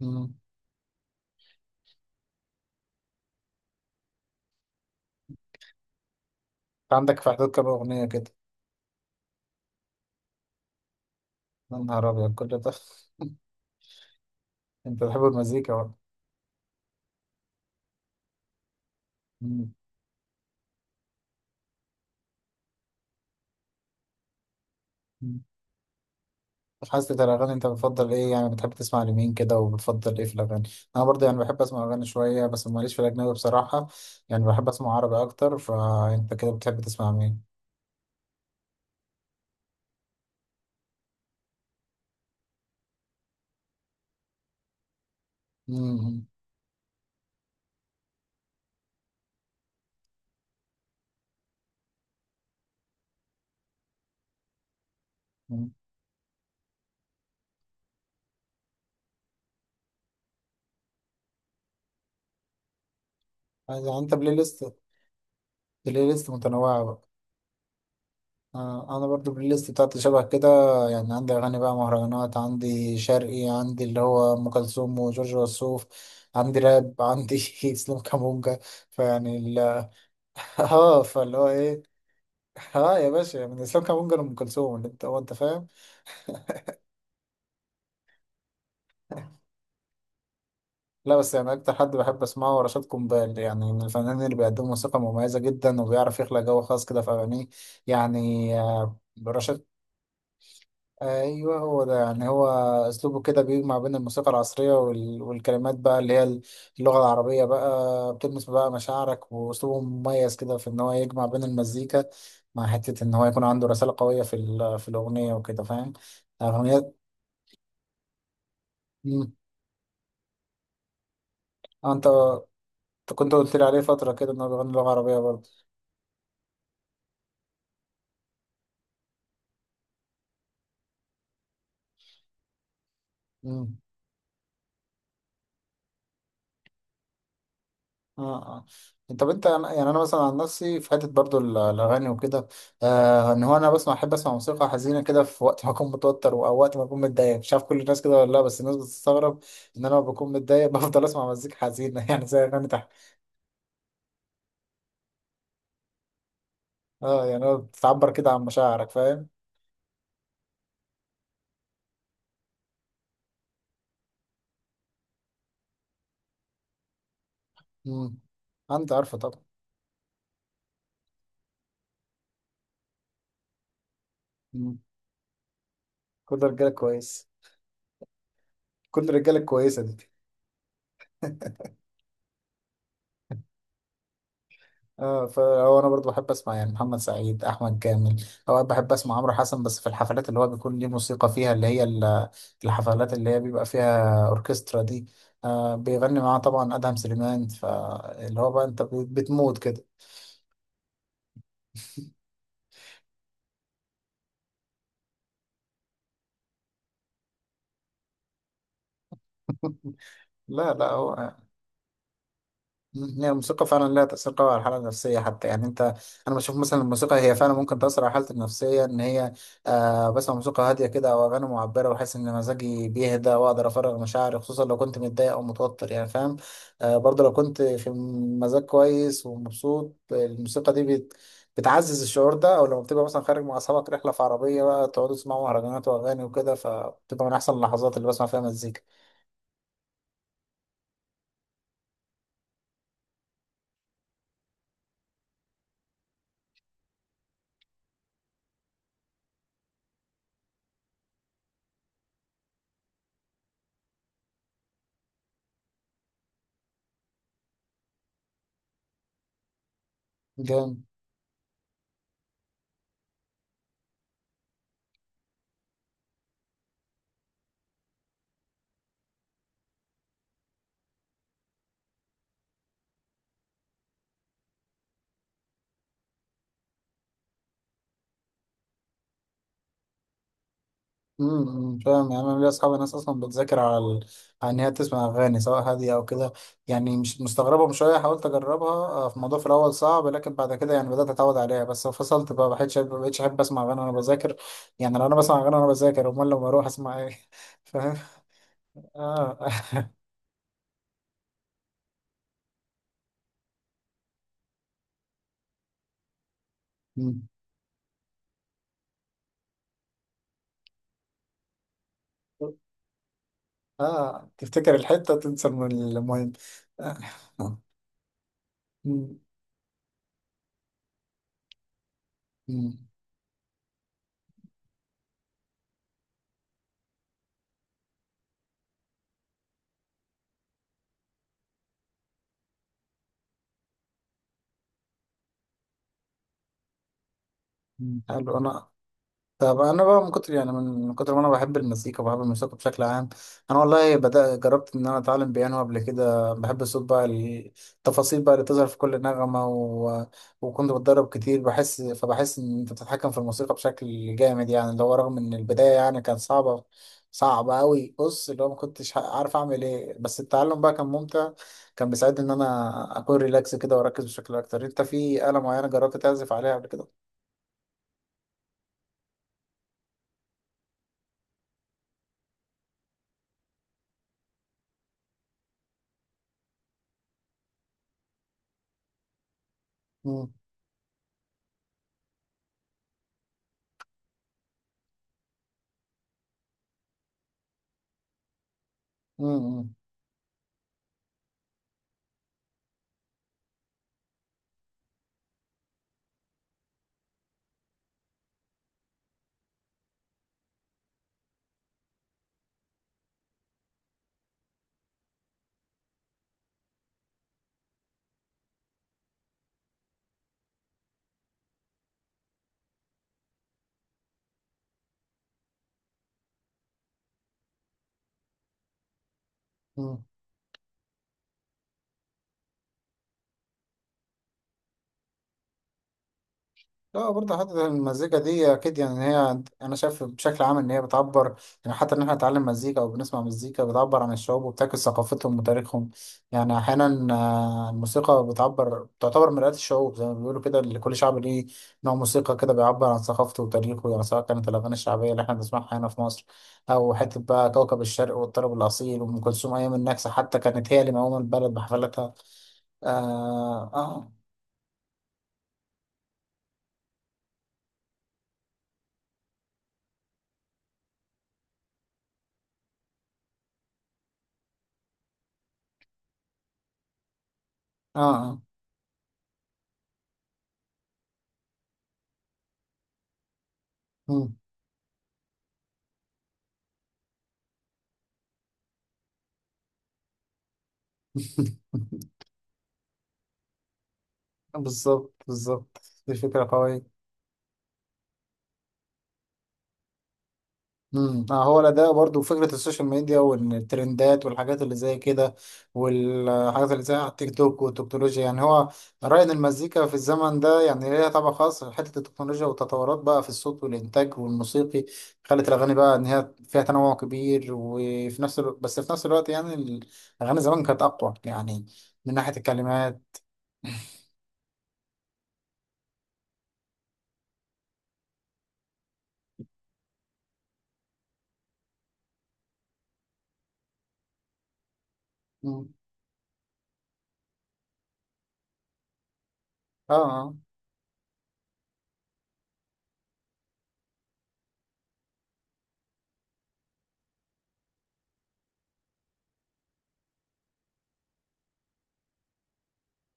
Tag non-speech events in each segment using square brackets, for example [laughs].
مم. انت عندك في اعداد كام اغنيه كده؟ يا نهار ابيض كل ده! [laughs] انت بتحب المزيكا بقى؟ مم. مم. في حاسة الأغاني أنت بتفضل إيه؟ يعني بتحب تسمع لمين كده وبتفضل إيه في الأغاني؟ أنا برضه يعني بحب أسمع أغاني شوية، بس ماليش في الأجنبي بصراحة، يعني بحب أسمع عربي أكتر. فأنت كده بتحب تسمع مين؟ مم. مم. يعني أنت بلاي ليست، بلاي ليست متنوعة بقى. انا برضو البلاي ليست بتاعتي شبه كده، يعني عندي اغاني بقى مهرجانات، عندي شرقي، عندي اللي هو ام كلثوم وجورج وسوف، عندي راب، عندي [laughs] اسلام كامونجا، فيعني ال- [laughs] اه، فاللي هو ايه، اه يا باشا، من اسلام كامونجا لام كلثوم، اللي انت هو انت فاهم. لا بس يعني اكتر حد بحب اسمعه هو رشاد قنبال، يعني من الفنانين اللي بيقدموا موسيقى مميزه جدا، وبيعرف يخلق جو خاص كده في اغانيه، يعني رشاد، ايوه هو ده، يعني هو اسلوبه كده بيجمع بين الموسيقى العصريه والكلمات بقى اللي هي اللغه العربيه بقى، بتلمس بقى مشاعرك، واسلوبه مميز كده في ان هو يجمع بين المزيكا مع حته ان هو يكون عنده رساله قويه في الاغنيه وكده، فاهم، اغنيات. مم. آه، انت أنت كنت قلت لي عليه فتره كده ان هو بيغني لغه عربيه برضه. اه، اه. طب انت يعني انا مثلا عن نفسي في حته برضو الاغاني وكده، آه ان هو انا بسمع، احب اسمع موسيقى حزينه كده في وقت ما اكون متوتر، او وقت ما اكون متضايق، مش عارف كل الناس كده ولا لا، بس الناس بتستغرب ان انا لما بكون متضايق [laughs] بفضل اسمع مزيكا حزينه، [laughs] يعني زي اغاني تحت. اه، يعني هو بتعبر كده عن مشاعرك، فاهم. امم، انت عارفه طبعا. مم. كل الرجاله كويس، كل الرجاله كويسه دي. اه، فهو انا برضو بحب اسمع يعني محمد سعيد، احمد كامل، اوقات بحب اسمع عمرو حسن، بس في الحفلات اللي هو بيكون ليه موسيقى فيها اللي هي الحفلات اللي هي بيبقى فيها اوركسترا دي، آه بيغني معاه طبعا ادهم سليمان، فاللي هو بقى انت بتموت كده. [laughs] لا لا هو. مم. هي الموسيقى فعلا لها تأثير قوي على الحالة النفسية، حتى يعني انت، انا بشوف مثلا الموسيقى هي فعلا ممكن تأثر على حالتي النفسية، ان هي آه بسمع موسيقى هادية كده او اغاني معبرة، واحس ان مزاجي بيهدى، واقدر افرغ مشاعري، خصوصا لو كنت متضايق او متوتر، يعني فاهم. آه برضه لو كنت في مزاج كويس ومبسوط، الموسيقى دي بتعزز الشعور ده، او لما بتبقى مثلا خارج مع اصحابك رحلة في عربية بقى، تقعدوا تسمعوا مهرجانات واغاني وكده، فبتبقى من احسن اللحظات اللي بسمع فيها مزيكا. جامد. فاهم. يعني انا ليا اصحابي ناس اصلا بتذاكر على ان هي تسمع اغاني سواء هاديه او كده، يعني مش مستغربه، من شويه حاولت اجربها، في الموضوع في الاول صعب، لكن بعد كده يعني بدات اتعود عليها، بس فصلت بقى، ما بقتش احب اسمع اغاني وانا بذاكر، يعني لو انا بسمع اغاني وانا بذاكر، امال لما اروح اسمع ايه؟ [laughs] فاهم. اه. [laughs] مم. اه تفتكر الحته تنسى المهم. آه. مم. مم. مم. حلو انا. طب انا بقى، من كتر يعني من كتر ما انا بحب المزيكا، وبحب الموسيقى بشكل عام، انا والله جربت ان انا اتعلم بيانو قبل كده، بحب الصوت بقى، التفاصيل بقى اللي بتظهر في كل نغمة وكنت بتدرب كتير، بحس، فبحس ان انت بتتحكم في الموسيقى بشكل جامد، يعني اللي هو رغم ان البداية يعني كانت صعبة، صعبة قوي، بص اللي هو ما كنتش عارف اعمل ايه، بس التعلم بقى كان ممتع، كان بيساعدني ان انا اكون ريلاكس كده واركز بشكل اكتر. انت في آلة معينة جربت تعزف عليها قبل كده؟ مم. مم. مم. لا برضه حتة المزيكا دي أكيد، يعني هي أنا شايف بشكل عام إن هي بتعبر، يعني حتى إن إحنا نتعلم مزيكا أو بنسمع مزيكا بتعبر عن الشعوب وبتعكس ثقافتهم وتاريخهم، يعني أحيانا الموسيقى بتعبر، تعتبر مرآة الشعوب زي ما بيقولوا كده، اللي كل شعب ليه نوع موسيقى كده بيعبر عن ثقافته وتاريخه، يعني سواء كانت الأغاني الشعبية اللي إحنا بنسمعها هنا في مصر، أو حتة بقى كوكب الشرق والطرب الأصيل وأم كلثوم أيام النكسة، حتى كانت هي اللي مقومة البلد بحفلاتها. آه، آه، آه, آه. مم. [laughs] بالظبط بالظبط. دي فكرة قوية. امم، هو الأداء برضو، فكرة السوشيال ميديا والترندات والحاجات اللي زي كده، والحاجات اللي زي على التيك توك والتكنولوجيا، يعني هو رأي إن المزيكا في الزمن ده يعني ليها طبع خاص، حتة التكنولوجيا والتطورات بقى في الصوت والإنتاج والموسيقي خلت الأغاني بقى إن هي فيها تنوع كبير، وفي نفس الوقت، بس في نفس الوقت يعني الأغاني زمان كانت أقوى، يعني من ناحية الكلمات. مم. اه، آه.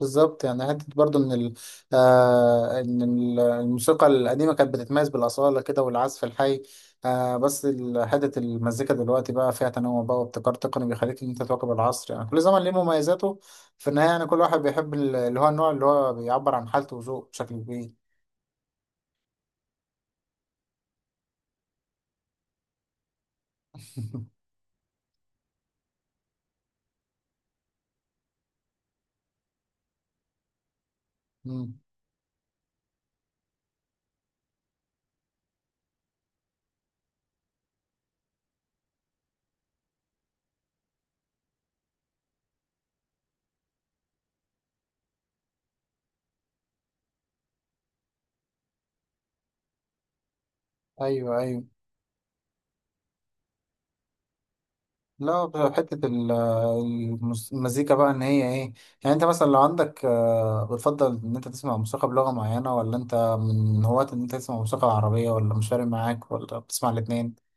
بالظبط، يعني حتة برضو إن ال، آه إن الموسيقى القديمة كانت بتتميز بالأصالة كده والعزف الحي، آه بس حتة المزيكا دلوقتي بقى فيها تنوع بقى وابتكار تقني بيخليك إن أنت تواكب العصر، يعني كل زمن ليه مميزاته، في النهاية يعني كل واحد بيحب اللي هو النوع اللي هو بيعبر عن حالته وذوقه بشكل كبير. [laughs] مم. أيوه أيوه. لا بقى حتة المزيكا بقى ان هي ايه، يعني انت مثلا لو عندك بتفضل ان انت تسمع موسيقى بلغة معينة، ولا انت من هواة ان انت تسمع موسيقى عربية، ولا مش فارق معاك، ولا بتسمع الاتنين؟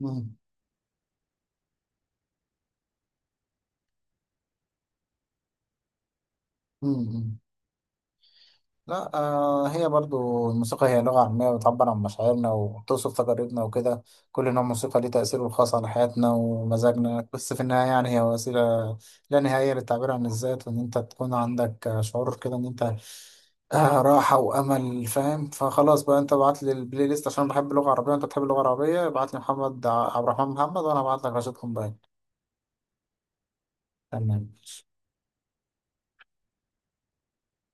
مم. مم. لا آه، هي برضو الموسيقى هي لغة عامية بتعبر عن مشاعرنا وبتوصف تجاربنا وكده، كل نوع موسيقى ليه تأثيره الخاص على حياتنا ومزاجنا، بس في النهاية يعني هي وسيلة لا نهائية للتعبير عن الذات، وإن أنت تكون عندك شعور كده إن أنت آه راحة وأمل، فاهم، فخلاص بقى أنت ابعت لي البلاي ليست عشان بحب اللغة العربية، وأنت بتحب اللغة العربية، ابعت لي محمد عبد الرحمن محمد، وأنا ابعت لك رشيد قنبال. تمام.